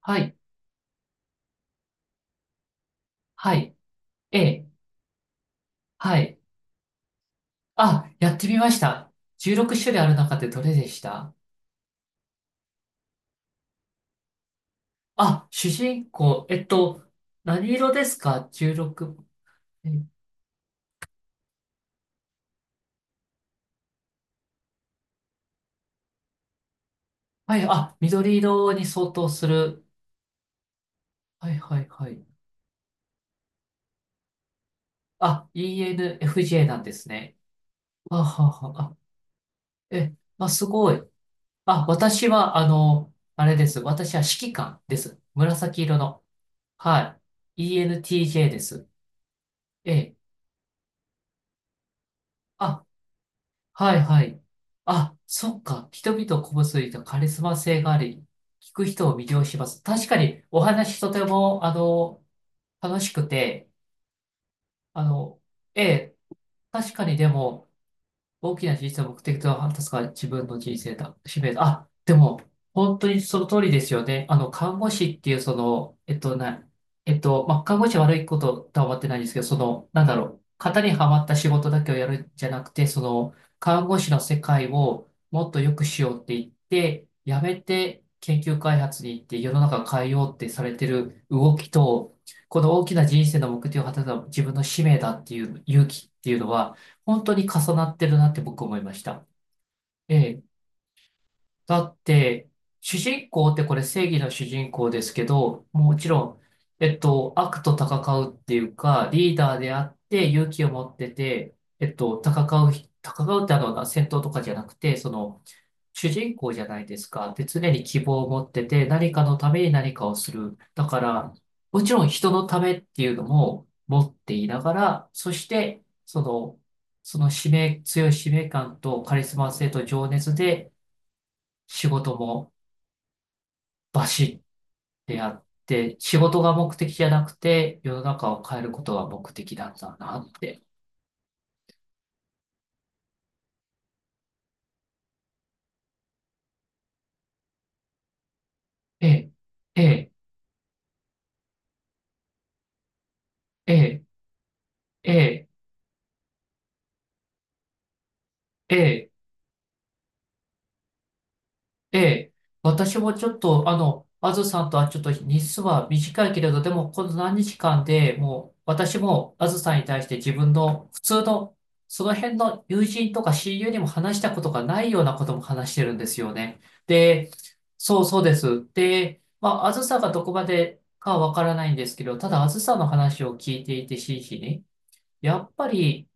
はい。はい。ええ。はい。あ、やってみました。16種類ある中でどれでした。あ、主人公、何色ですか？ 16。えはい。あ、緑色に相当する。はいはいはい。あ、ENFJ なんですね。はあはあはあ。え、まあ、すごい。あ、私は、あれです。私は指揮官です。紫色の。はい。ENTJ です。ええ。あ、はいはい。あ、そっか。人々を鼓舞するとカリスマ性があり、聞く人を魅了します。確かにお話とても、楽しくて、あの、ええ、確かにでも、大きな小さな目的とは、確か自分の人生だ、使命だ。あ、でも、本当にその通りですよね。看護師っていう、その、えっと、な、えっと、まあ、看護師は悪いこととは思ってないんですけど、なんだろう、型にはまった仕事だけをやるんじゃなくて、看護師の世界をもっと良くしようって言って、やめて研究開発に行って世の中を変えようってされてる動きと、この大きな人生の目的を果たすのは自分の使命だっていう勇気っていうのは、本当に重なってるなって僕思いました。ええ、だって、主人公ってこれ正義の主人公ですけど、もちろん、悪と戦うっていうか、リーダーであって勇気を持ってて、戦うってあの、戦闘とかじゃなくて、主人公じゃないですか。で、常に希望を持ってて、何かのために何かをする。だから、もちろん人のためっていうのも持っていながら、そして、その使命、強い使命感とカリスマ性と情熱で、仕事もバシッてやって、仕事が目的じゃなくて、世の中を変えることが目的なんだなって。ええ、ええ、ええ、ええ、ええええ、私もちょっと、あずさんとはちょっと日数は短いけれど、でもこの何日間でもう、私もあずさんに対して自分の普通の、その辺の友人とか親友にも話したことがないようなことも話してるんですよね。で、そうそうです。で、まあ、あずさんがどこまでかはわからないんですけど、ただあずさんの話を聞いていて真摯に、やっぱり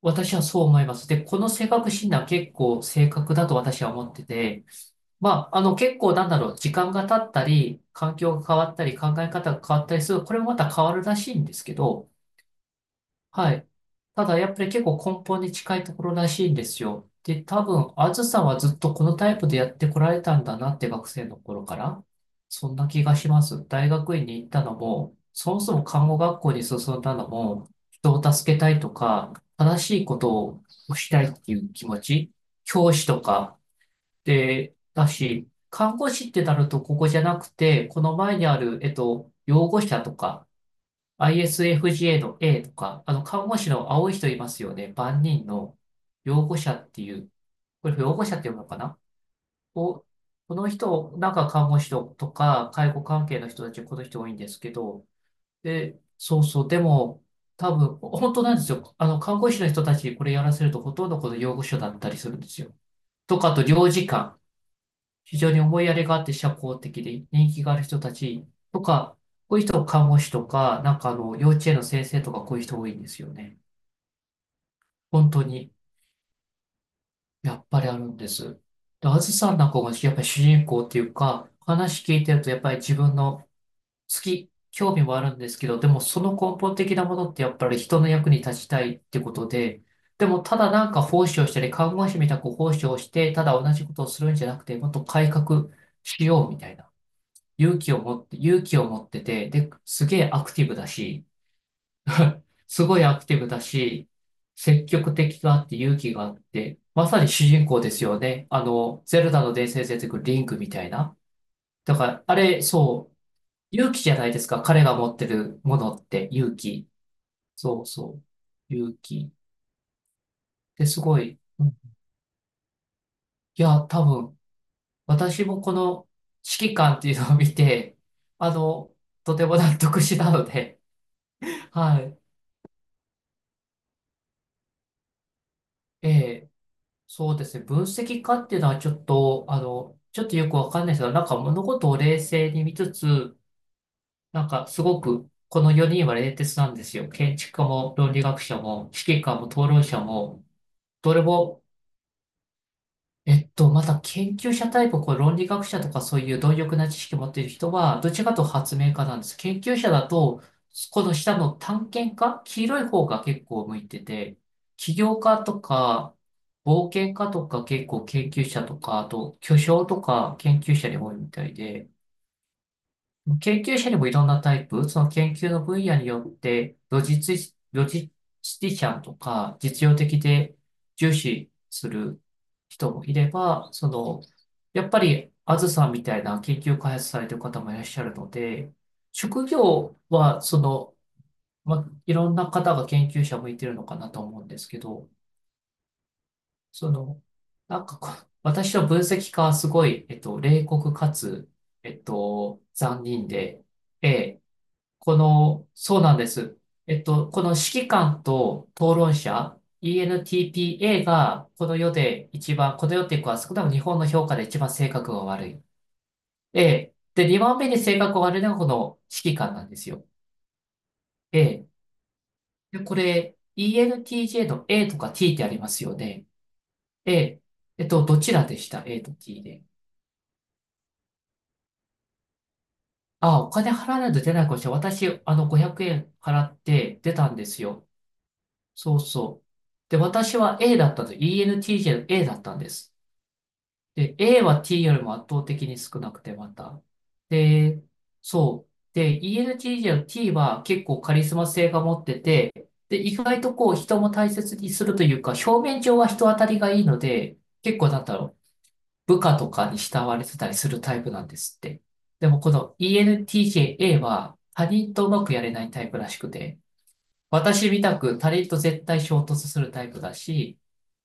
私はそう思います。で、この性格診断結構正確だと私は思ってて、まあ、結構なんだろう、時間が経ったり、環境が変わったり、考え方が変わったりする、これもまた変わるらしいんですけど、はい。ただ、やっぱり結構根本に近いところらしいんですよ。で、多分、あずさんはずっとこのタイプでやってこられたんだなって学生の頃から、そんな気がします。大学院に行ったのも、そもそも看護学校に進んだのも、人を助けたいとか、正しいことをしたいっていう気持ち、教師とか、で、だし、看護師ってなるとここじゃなくて、この前にある、養護者とか、ISFA の A とか、看護師の青い人いますよね。万人の養護者っていう、これ養護者って読むのかなをこの人、なんか看護師とか、介護関係の人たち、この人多いんですけど、で、そうそう、でも、多分、本当なんですよ。看護師の人たちにこれやらせると、ほとんどこの養護所だったりするんですよ。とか、あと、領事館。非常に思いやりがあって社交的で人気がある人たちとか、こういう人、看護師とか、なんか幼稚園の先生とか、こういう人多いんですよね。本当に、やっぱりあるんです。で、あずさんなんかが、やっぱり主人公っていうか、話聞いてると、やっぱり自分の好き、興味もあるんですけど、でもその根本的なものって、やっぱり人の役に立ちたいってことで、でもただなんか奉仕をしたり、看護師みたく奉仕をして、ただ同じことをするんじゃなくて、もっと改革しようみたいな。勇気を持って、勇気を持ってて、で、すげえアクティブだし、すごいアクティブだし、積極的があって勇気があって、まさに主人公ですよね。ゼルダの伝説に出てくるリンクみたいな。だから、あれ、そう、勇気じゃないですか。彼が持ってるものって勇気。そうそう。勇気。で、すごい。うん、いや、多分、私もこの指揮官っていうのを見て、あの、とても納得したので、はい。ええ、そうですね。分析家っていうのはちょっと、ちょっとよくわかんないですけど、なんか物事を冷静に見つつ、なんかすごく、この4人は冷徹なんですよ。建築家も論理学者も、指揮官も討論者も、どれも。また研究者タイプ、こう論理学者とかそういう貪欲な知識を持っている人は、どっちかというと発明家なんです。研究者だと、この下の探検家、黄色い方が結構向いてて、起業家とか、冒険家とか結構研究者とか、あと巨匠とか研究者に多いみたいで、研究者にもいろんなタイプ、その研究の分野によって、ロジスティシャンとか、実用的で重視する人もいれば、やっぱり、あずさんみたいな研究開発されてる方もいらっしゃるので、職業は、いろんな方が研究者向いてるのかなと思うんですけど、その、なんかこう、私の分析家はすごい、冷酷かつ、残忍で、ええ、この、そうなんです。この指揮官と討論者、ENTPA がこの世で一番、この世っていうか、少なくとも日本の評価で一番性格が悪い。で、2番目に性格が悪いのがこの指揮官なんですよ。ええ。でこれ、ENTJ の A とか T ってありますよね。ええどちらでした？ A と T で。あ、お金払わないと出ないかもしれない。私、500円払って出たんですよ。そうそう。で、私は A だったんです。ENTJ の A だったんです。で、A は T よりも圧倒的に少なくて、また。で、そう。で、ENTJ の T は結構カリスマ性が持ってて、で、意外とこう人も大切にするというか、表面上は人当たりがいいので、結構なんだろう、部下とかに慕われてたりするタイプなんですって。でもこの ENTJ A は他人とうまくやれないタイプらしくて、私みたく他人と絶対衝突するタイプだし、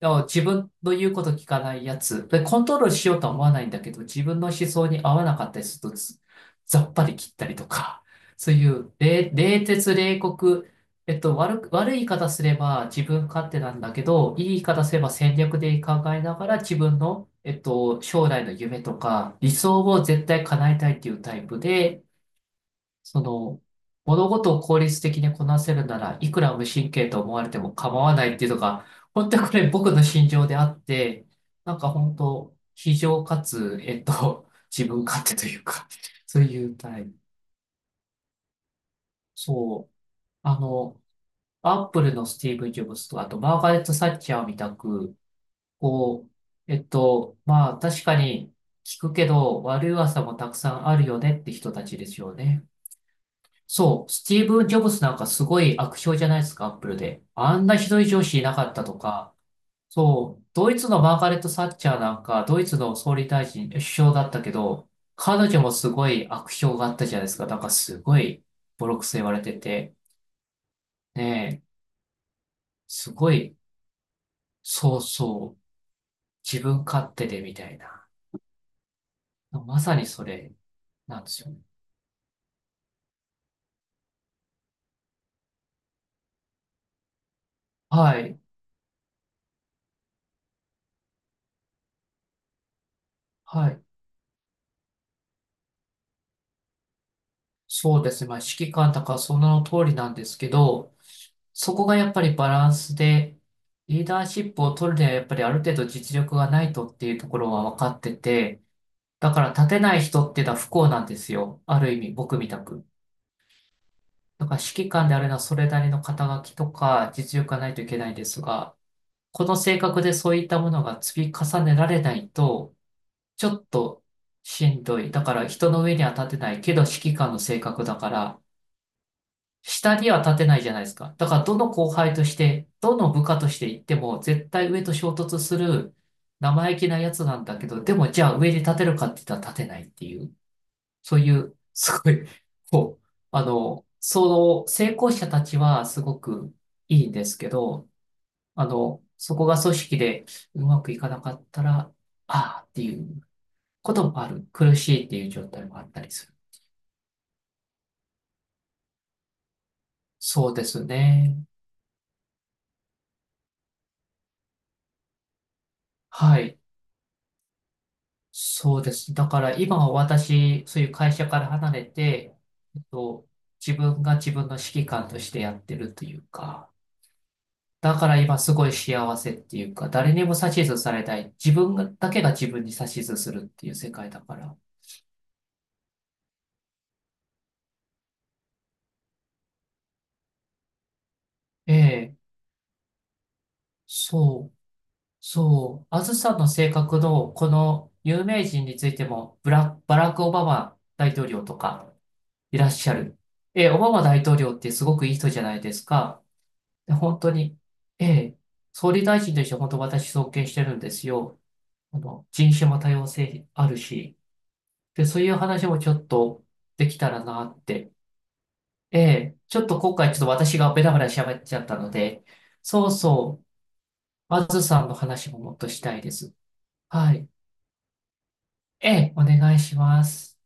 でも自分の言うこと聞かないやつ、で、コントロールしようとは思わないんだけど、自分の思想に合わなかったりすると、つざっぱり切ったりとか、そういう、冷徹冷酷、悪い言い方すれば自分勝手なんだけど、いい言い方すれば戦略で考えながら自分の、将来の夢とか理想を絶対叶えたいっていうタイプで、その、物事を効率的にこなせるなら、いくら無神経と思われても構わないっていうのが、本当にこれ僕の心情であって、なんか本当、非情かつ、自分勝手というか、そういうタイプ。そう。あの、アップルのスティーブ・ジョブズと、あと、マーガレット・サッチャーみたく、こう、まあ、確かに聞くけど、悪い噂もたくさんあるよねって人たちですよね。そう、スティーブン・ジョブズなんかすごい悪評じゃないですか、アップルで。あんなひどい上司いなかったとか。そう、ドイツのマーガレット・サッチャーなんか、ドイツの総理大臣、首相だったけど、彼女もすごい悪評があったじゃないですか。なんかすごいボロクソ言われてて。ねえ、すごい、そうそう、自分勝手でみたいな。まさにそれなんですよね。はい、はい。そうですね。まあ、指揮官とかその通りなんですけど、そこがやっぱりバランスで、リーダーシップを取るにはやっぱりある程度実力がないとっていうところは分かってて、だから立てない人っていうのは不幸なんですよ。ある意味、僕みたく。だから指揮官であるのはそれなりの肩書きとか実力がないといけないですが、この性格でそういったものが積み重ねられないと、ちょっとしんどい。だから人の上には立てないけど指揮官の性格だから、下には立てないじゃないですか。だから、どの後輩として、どの部下として行っても、絶対上と衝突する生意気なやつなんだけど、でも、じゃあ上に立てるかって言ったら立てないっていう、そういう、すごい、こう、その成功者たちはすごくいいんですけど、そこが組織でうまくいかなかったら、ああっていうこともある。苦しいっていう状態もあったりする。そうですね。はい。そうです。だから今は私、そういう会社から離れて、えっと、自分が自分の指揮官としてやってるというか、だから今すごい幸せっていうか、誰にも指図されない、自分がだけが自分に指図するっていう世界だから。ええ、そう、そう。あずさんの性格のこの有名人についても、バラク・オバマ大統領とかいらっしゃる。ええ、オバマ大統領ってすごくいい人じゃないですか。で、本当に、ええ、総理大臣として本当私尊敬してるんですよ。人種も多様性あるし、で、そういう話もちょっとできたらなって。ええ、ちょっと今回ちょっと私がベラベラ喋っちゃったので、そうそう、まずさんの話ももっとしたいです。はい。ええ、お願いします。